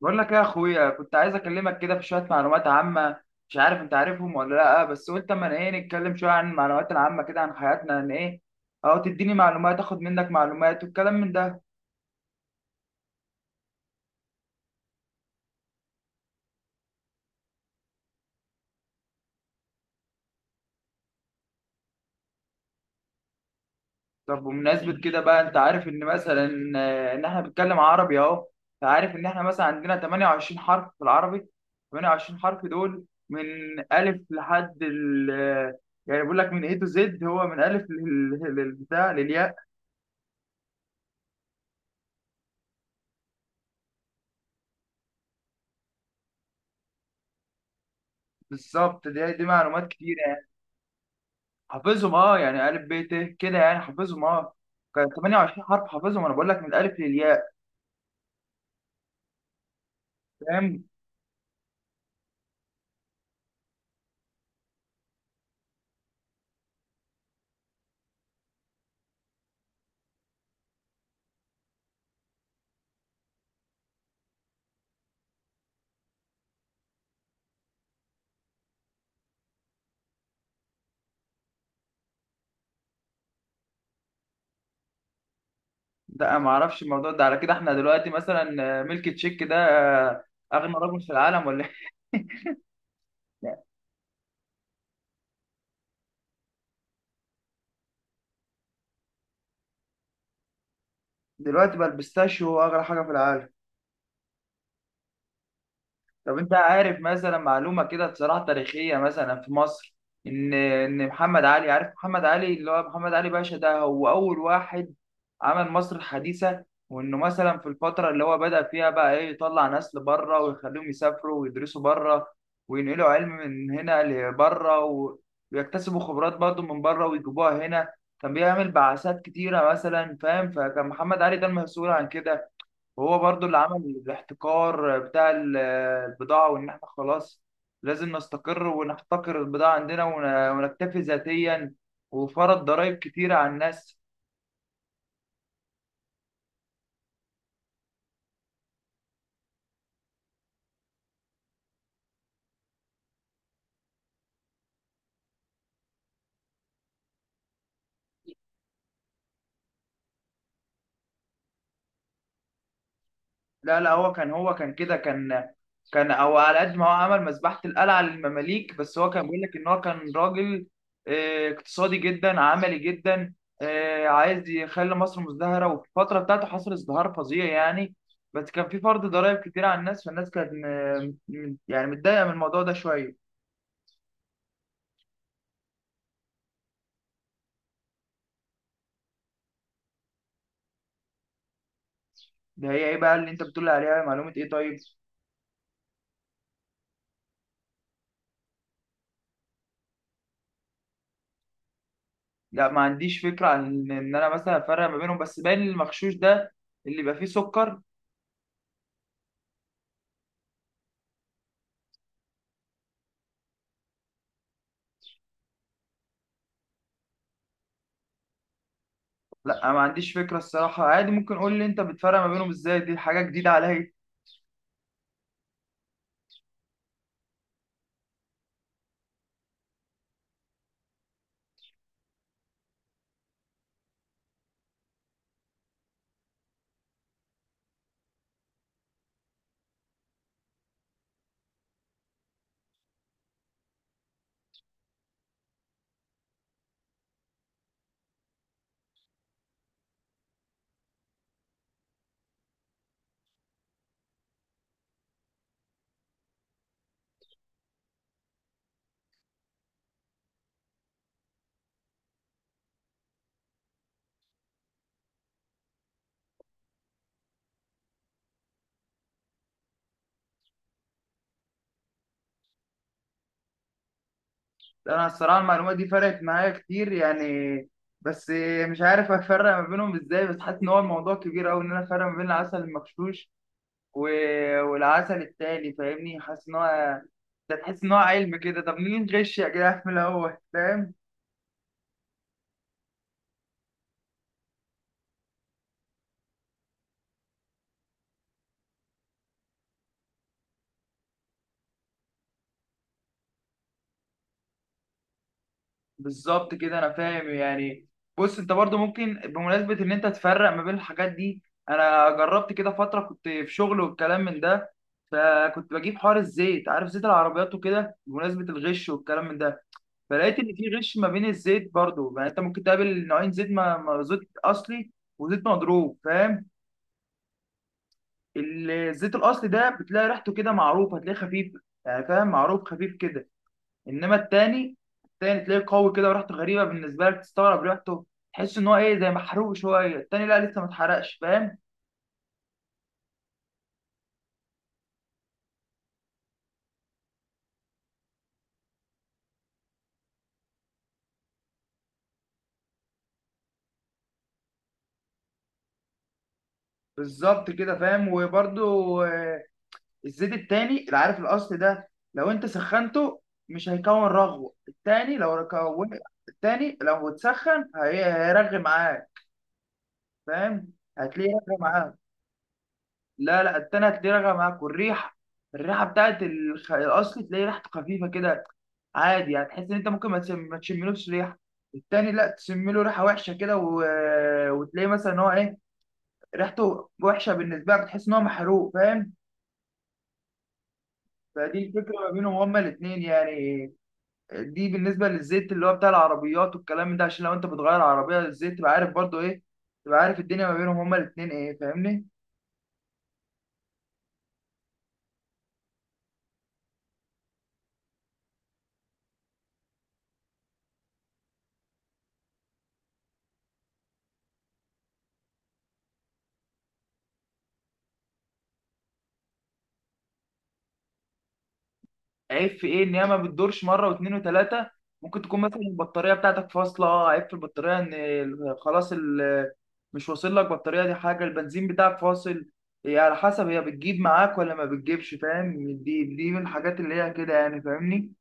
بقول لك يا اخويا كنت عايز اكلمك كده في شويه معلومات عامه. مش عارف انت عارفهم ولا لا، بس قلت اما ايه نتكلم شويه عن المعلومات العامه كده عن حياتنا ان ايه، او تديني معلومات اخد منك معلومات والكلام من ده. طب بمناسبه كده بقى، انت عارف ان مثلا ان احنا بنتكلم عربي اهو. فعارف ان احنا مثلا عندنا 28 حرف في العربي. 28 حرف دول من الف لحد ال يعني بقول لك من ايه تو زد، هو من الف بتاع للياء. بالظبط. دي معلومات كتير. حافظهم اه، يعني الف ب ت كده، يعني حافظهم اه. كان 28 حرف حافظهم، انا بقول لك من الالف للياء. فاهم. لا، ما اعرفش الموضوع ده. على كده احنا دلوقتي مثلا ميلك تشيك ده آه، اغنى رجل في العالم ولا إيه؟ دلوقتي بقى البيستاشيو هو اغلى حاجه في العالم. طب انت عارف مثلا معلومه كده بصراحه تاريخيه مثلا في مصر، ان محمد علي، عارف محمد علي اللي هو محمد علي باشا؟ ده هو اول واحد عمل مصر الحديثه، وانه مثلا في الفتره اللي هو بدأ فيها بقى ايه، يطلع ناس لبره ويخليهم يسافروا ويدرسوا بره، وينقلوا علم من هنا لبره ويكتسبوا خبرات برضه من بره ويجيبوها هنا. كان بيعمل بعثات كتيره مثلا، فاهم؟ فكان محمد علي ده المسؤول عن كده. وهو برضو اللي عمل الاحتكار بتاع البضاعة، وإن إحنا خلاص لازم نستقر ونحتكر البضاعة عندنا ونكتفي ذاتيا، وفرض ضرائب كتيرة على الناس. لا، هو كان، هو كان كده كان او على قد ما هو عمل مذبحة القلعة للمماليك، بس هو كان بيقول لك ان هو كان راجل اقتصادي جدا، عملي جدا، عايز يخلي مصر مزدهرة. وفي الفترة بتاعته حصل ازدهار فظيع يعني. بس كان في فرض ضرائب كتير على الناس، فالناس كانت يعني متضايقة من الموضوع ده شوية. ده هي ايه بقى اللي انت بتقول عليها معلومة ايه؟ طيب. لا، ما عنديش فكرة عن ان انا مثلا افرق ما بينهم، بس باين المغشوش ده اللي يبقى فيه سكر. لا، أنا ما عنديش فكرة الصراحة، عادي ممكن قول لي أنت بتفرق ما بينهم إزاي، دي حاجة جديدة عليا. أنا الصراحة المعلومة دي فرقت معايا كتير يعني. بس مش عارف أفرق ما بينهم إزاي، بس حاسس إن هو الموضوع كبير أوي إن أنا أفرق ما بين العسل المغشوش و... والعسل التاني فاهمني. حاسس إن هو ده، تحس إن هو علم كده. طب مين غش يا جدع في الأول؟ فاهم. بالظبط كده، انا فاهم يعني. بص، انت برضو ممكن بمناسبه ان انت تفرق ما بين الحاجات دي، انا جربت كده فتره كنت في شغل والكلام من ده. فكنت بجيب حوار الزيت، عارف زيت العربيات وكده، بمناسبه الغش والكلام من ده. فلقيت ان في غش ما بين الزيت برضو. يعني انت ممكن تقابل نوعين زيت، زيت اصلي وزيت مضروب فاهم. الزيت الاصلي ده بتلاقي ريحته كده معروفه، هتلاقيه خفيف يعني، فاهم معروف خفيف كده. انما التاني، التاني تلاقيه قوي كده وريحته غريبه بالنسبه لك، تستغرب ريحته، تحس ان هو ايه زي محروق شويه. التاني لا، لسه ما اتحرقش فاهم. بالظبط كده فاهم. وبرده الزيت التاني، العارف الاصل ده لو انت سخنته مش هيكون رغوه. التاني لو كون التاني لو اتسخن هيرغي معاك فاهم، هتلاقيه رغي معاك. لا، التانية هتلاقيه راجع معاك، والريحة، الريحة بتاعت الأصل تلاقي ريحته خفيفة كده عادي، هتحس إن أنت ممكن ما تشملوش ريحة. التاني لا، تشمله ريحة وحشة كده وتلاقي مثلا إن هو إيه، ريحته وحشة بالنسبة لك، تحس إن هو محروق فاهم. فدي الفكرة ما بينهم هما الاتنين يعني. دي بالنسبة للزيت اللي هو بتاع العربيات والكلام ده، عشان لو أنت بتغير عربية الزيت تبقى عارف برضو إيه، تبقى عارف الدنيا ما بينهم هما الاتنين إيه فاهمني. عيب في ايه ان هي ما بتدورش مره واثنين وثلاثه؟ ممكن تكون مثلا البطاريه بتاعتك فاصله، عيب في البطاريه ان مش واصل لك بطاريه. دي حاجه. البنزين بتاعك فاصل، هي على حسب هي بتجيب معاك ولا ما بتجيبش فاهم. دي من الحاجات اللي هي كده يعني فاهمني.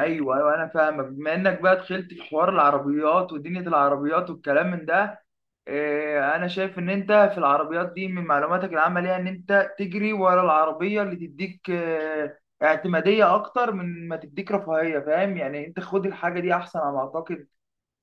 ايوه ايوه انا فاهمك. بما انك بقى دخلت في حوار العربيات ودنيا العربيات والكلام من ده، انا شايف ان انت في العربيات دي من معلوماتك العامه ليها ان انت تجري ورا العربيه اللي تديك اعتماديه اكتر من ما تديك رفاهيه، فاهم؟ يعني انت خد الحاجه دي احسن على ما اعتقد.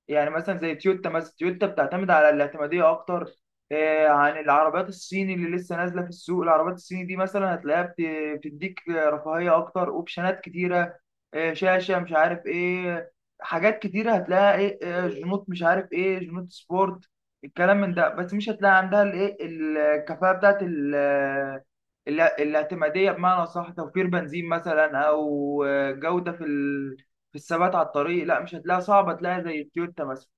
يعني مثلا زي تويوتا، مثلا تويوتا بتعتمد على الاعتمادية أكتر عن العربيات الصيني اللي لسه نازلة في السوق. العربيات الصيني دي مثلا هتلاقيها بتديك رفاهية أكتر، أوبشنات كتيرة، شاشة مش عارف إيه، حاجات كتيرة هتلاقيها إيه، جنوط مش عارف إيه، جنوط سبورت الكلام من ده. بس مش هتلاقي عندها الإيه، الكفاءة بتاعت الاعتمادية، بمعنى أصح توفير بنزين مثلا، أو جودة في في الثبات على الطريق، لا مش هتلاقيها، صعبه تلاقيها زي التويوتا مثلا.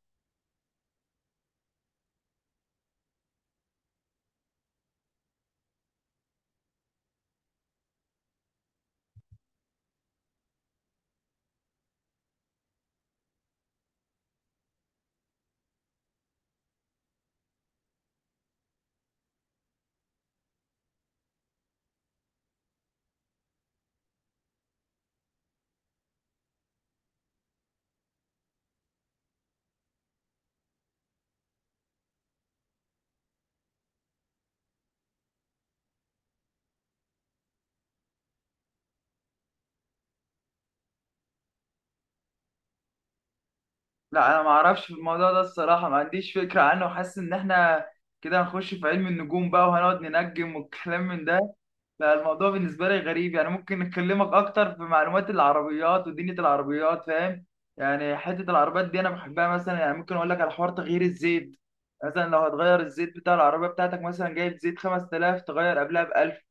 لا انا ما اعرفش في الموضوع ده الصراحه، ما عنديش فكره عنه، وحاسس ان احنا كده هنخش في علم النجوم بقى وهنقعد ننجم والكلام من ده. فالموضوع بالنسبه لي غريب يعني. ممكن نكلمك اكتر في معلومات العربيات ودنيا العربيات فاهم. يعني حته العربيات دي انا بحبها مثلا. يعني ممكن اقول لك على حوار تغيير الزيت. مثلا لو هتغير الزيت بتاع العربيه بتاعتك، مثلا جايب زيت 5000 تغير قبلها ب 1000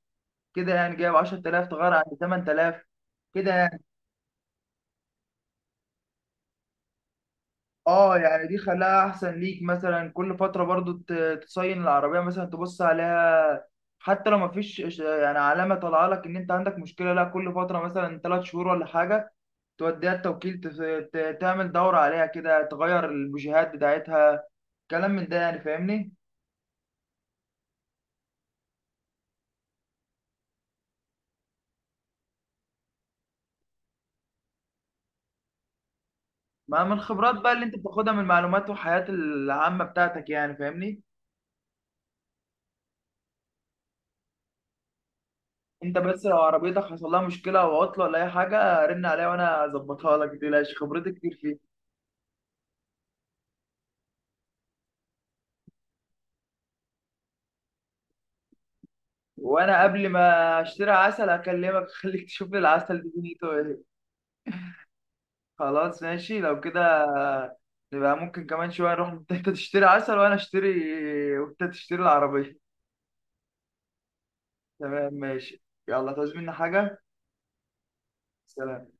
كده، يعني جايب 10000 تغير عند 8000 كده. اه يعني دي خلاها احسن ليك. مثلا كل فتره برضو تصين العربيه، مثلا تبص عليها حتى لو مفيش يعني علامه طالعه لك ان انت عندك مشكله، لا كل فتره مثلا 3 شهور ولا حاجه توديها التوكيل تعمل دوره عليها كده، تغير البوجيهات بتاعتها، كلام من ده يعني فاهمني. ما من الخبرات بقى اللي انت بتاخدها من المعلومات والحياه العامه بتاعتك يعني فاهمني. انت بس لو عربيتك حصل لها مشكله او عطله ولا اي حاجه رن عليا وانا اظبطها لك، متقلقش خبرتي كتير فيها. وانا قبل ما اشتري عسل اكلمك اخليك تشوف لي العسل دي دنيته ايه. خلاص ماشي لو كده، نبقى ممكن كمان شويه نروح، انت تشتري عسل وانا اشتري، وانت تشتري العربيه. تمام ماشي، يلا تعوز مني حاجه؟ سلام.